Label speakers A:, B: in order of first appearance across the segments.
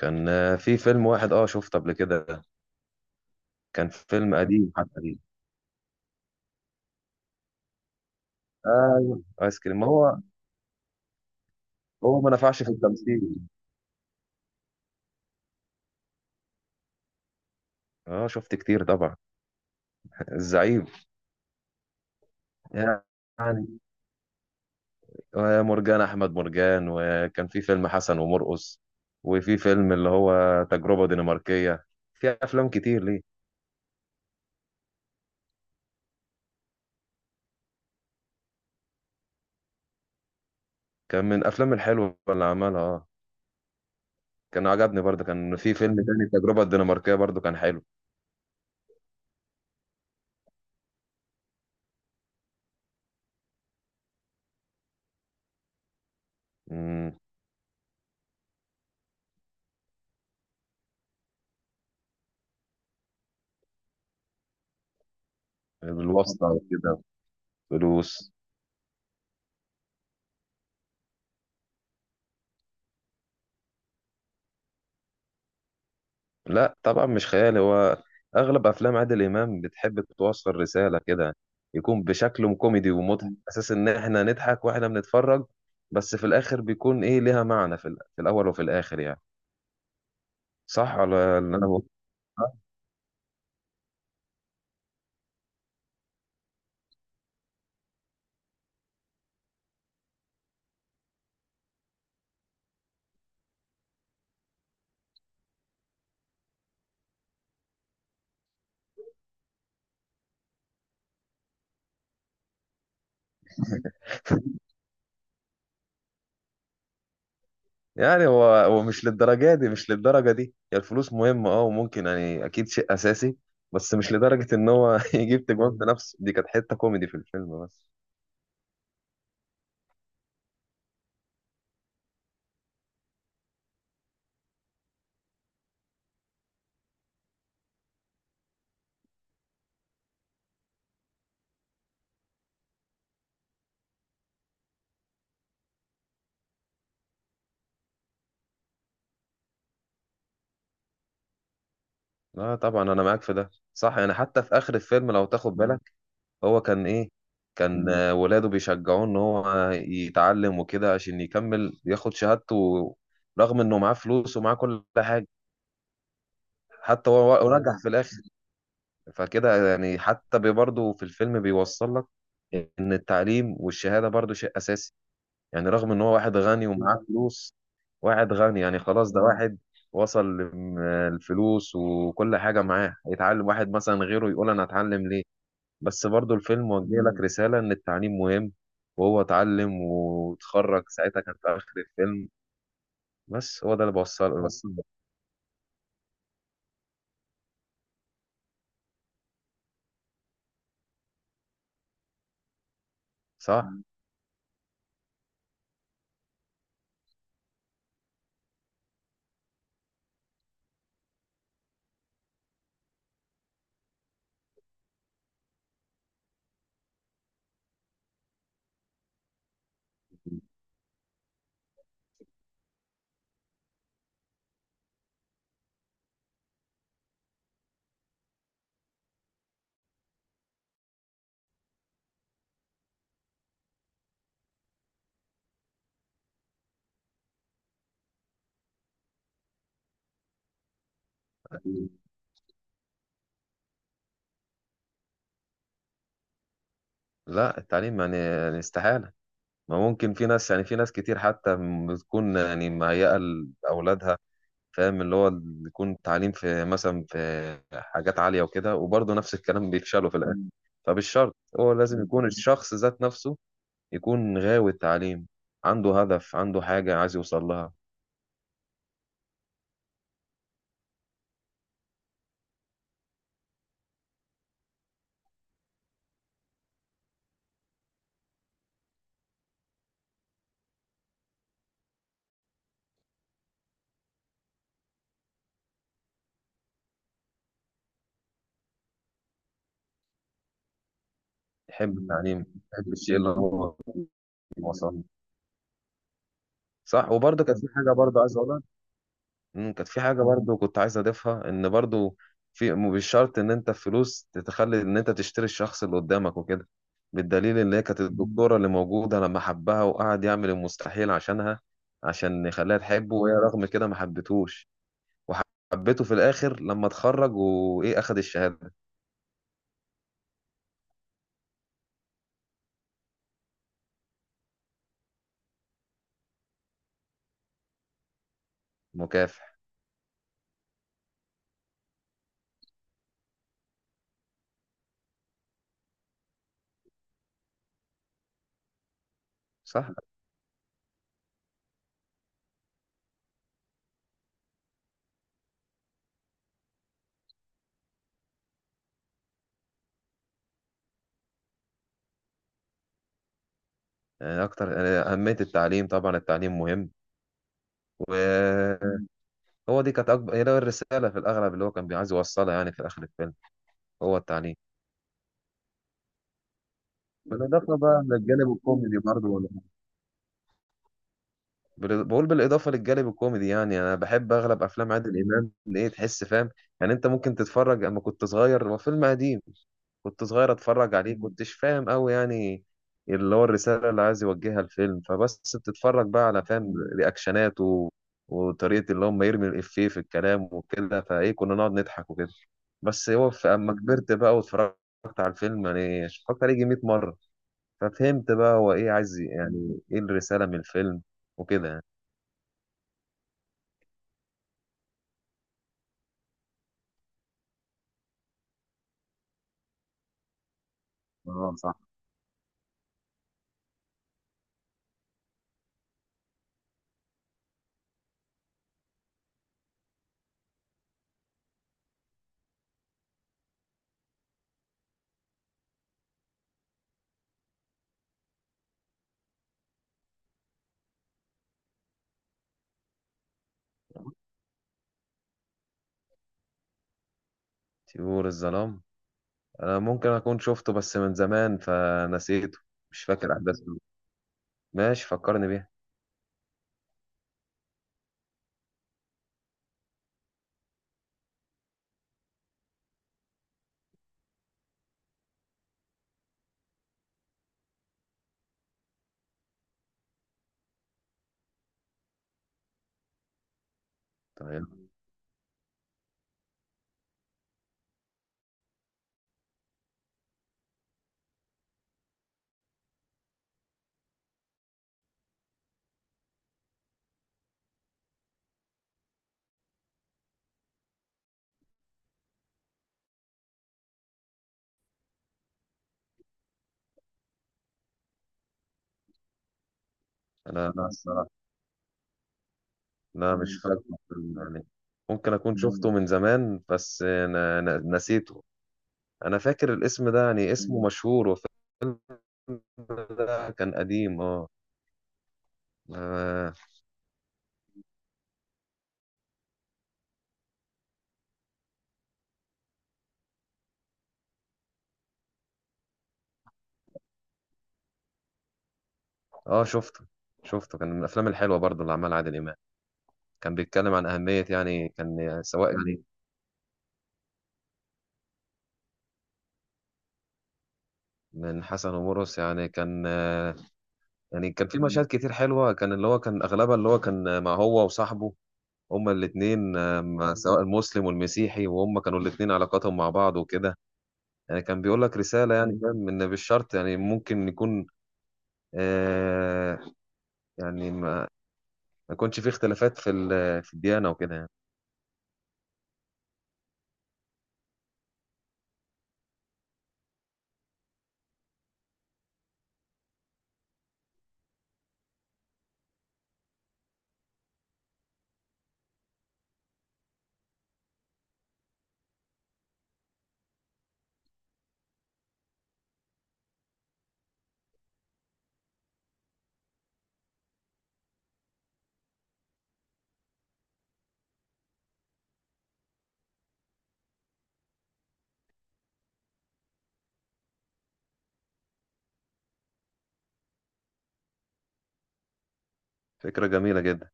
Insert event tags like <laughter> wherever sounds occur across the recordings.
A: كان في فيلم واحد شفته قبل كده. كان فيلم قديم، حتى قديم. ايوه، ايس كريم. ما هو هو ما نفعش في التمثيل. اه، شفت كتير طبعا. <laughs> الزعيم. يعني ومرجان احمد مرجان، وكان في فيلم حسن ومرقص، وفي فيلم اللي هو تجربة دنماركية. في افلام كتير ليه. كان من الافلام الحلوة اللي عملها. اه كان عجبني برضه، كان في فيلم تاني التجربة الدنماركية برضه كان حلو. امم. الواسطة كده. فلوس. لا طبعا، مش خيال هو. اغلب افلام عادل امام بتحب توصل رساله كده، يكون بشكل كوميدي ومضحك، اساس ان احنا نضحك واحنا بنتفرج. بس في الاخر بيكون ايه ليها معنى في الاول وفي الاخر يعني. صح ولا اللي انا بقول؟ هو مش للدرجه دي، هي الفلوس مهمه وممكن يعني اكيد شيء اساسي. بس مش لدرجه ان هو <laughs> يجيب تجوان بنفسه. دي كانت حته كوميدي في الفيلم بس. لا طبعا انا معاك في ده صح، يعني حتى في اخر الفيلم لو تاخد بالك هو كان ايه. كان ولاده بيشجعوه ان هو يتعلم وكده عشان يكمل ياخد شهادته، رغم انه معاه فلوس ومعاه كل حاجة. حتى هو نجح في الاخر. فكده يعني حتى برضه في الفيلم بيوصل لك ان التعليم والشهادة برضه شيء اساسي. يعني رغم ان هو واحد غني ومعاه فلوس. واحد غني يعني خلاص، ده واحد وصل الفلوس وكل حاجة معاه، هيتعلم. واحد مثلا غيره يقول انا اتعلم ليه؟ بس برضو الفيلم وجه لك رسالة إن التعليم مهم. وهو اتعلم واتخرج ساعتها، كان في آخر الفيلم. بس هو ده اللي بوصله طب، بس. صح. لا، التعليم يعني استحالة ما ممكن. في ناس، يعني في ناس كتير حتى بتكون يعني مهيئة لأولادها. فاهم اللي هو يكون التعليم في مثلا في حاجات عالية وكده، وبرضه نفس الكلام بيفشلوا في الآخر. فمش شرط، هو لازم يكون الشخص ذات نفسه يكون غاوي التعليم، عنده هدف، عنده حاجة عايز يوصل لها. يحب التعليم، يحب الشيء اللي هو وصل له. صح، وبرضه كانت في حاجه برضه عايز اقولها. كانت في حاجه برضه كنت عايز اضيفها، ان برضه في مش شرط ان انت فلوس تتخلي ان انت تشتري الشخص اللي قدامك وكده. بالدليل ان هي كانت الدكتوره اللي موجوده لما حبها، وقعد يعمل المستحيل عشانها عشان يخليها تحبه، وهي رغم كده ما حبتهوش. وحبته في الاخر لما اتخرج اخد الشهاده. مكافح. صح، يعني اكتر يعني اهميه التعليم طبعا. التعليم مهم و هو دي كانت أكبر، هي ده الرسالة في الأغلب اللي هو كان عايز يوصلها يعني في آخر الفيلم. هو التعليم. بالإضافة بقى للجانب الكوميدي برضه، ولا؟ بقول بالإضافة للجانب الكوميدي. يعني أنا بحب أغلب أفلام عادل إمام اللي إيه تحس فاهم. يعني أنت ممكن تتفرج أما كنت صغير، هو فيلم قديم. كنت صغير اتفرج عليه كنتش فاهم قوي يعني اللي هو الرسالة اللي عايز يوجهها الفيلم. فبس بتتفرج بقى على فاهم رياكشنات وطريقة اللي هم يرمي الإفيه في الكلام وكده، فايه كنا نقعد نضحك وكده. بس هو في اما كبرت بقى واتفرجت على الفيلم، يعني اتفرجت عليه يجي 100 مرة، ففهمت بقى هو ايه عايز، يعني ايه الرسالة من الفيلم وكده يعني. اه، صح. طيور الظلام؟ انا ممكن اكون شفته بس من زمان فنسيته. مش فاكر احداثه. ماشي، فكرني بيها. تمام. انا لا الصراحه، لا مش فاكر يعني. ممكن اكون شفته من زمان بس أنا نسيته. انا فاكر الاسم ده، يعني اسمه مشهور وكده، كان قديم اه. اه. آه، شفته. شفته كان من الافلام الحلوه برضو اللي عملها عادل امام. كان بيتكلم عن اهميه، يعني كان سواء يعني من حسن ومرقص. يعني كان يعني كان في مشاهد كتير حلوه، كان اللي هو كان اغلبها اللي هو كان مع هو وصاحبه، هما الاثنين. سواء المسلم والمسيحي، وهم كانوا الاثنين علاقاتهم مع بعض وكده. يعني كان بيقول لك رسالة، يعني فاهم إن بالشرط يعني ممكن يكون. آه يعني ما يكونش فيه اختلافات في الديانة وكده يعني. فكرة جميلة جدا،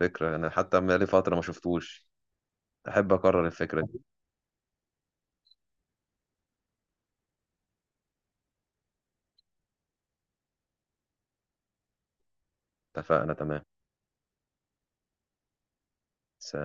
A: فكرة. أنا حتى بقالي فترة ما شفتوش، أحب أكرر الفكرة دي. اتفقنا، تمام.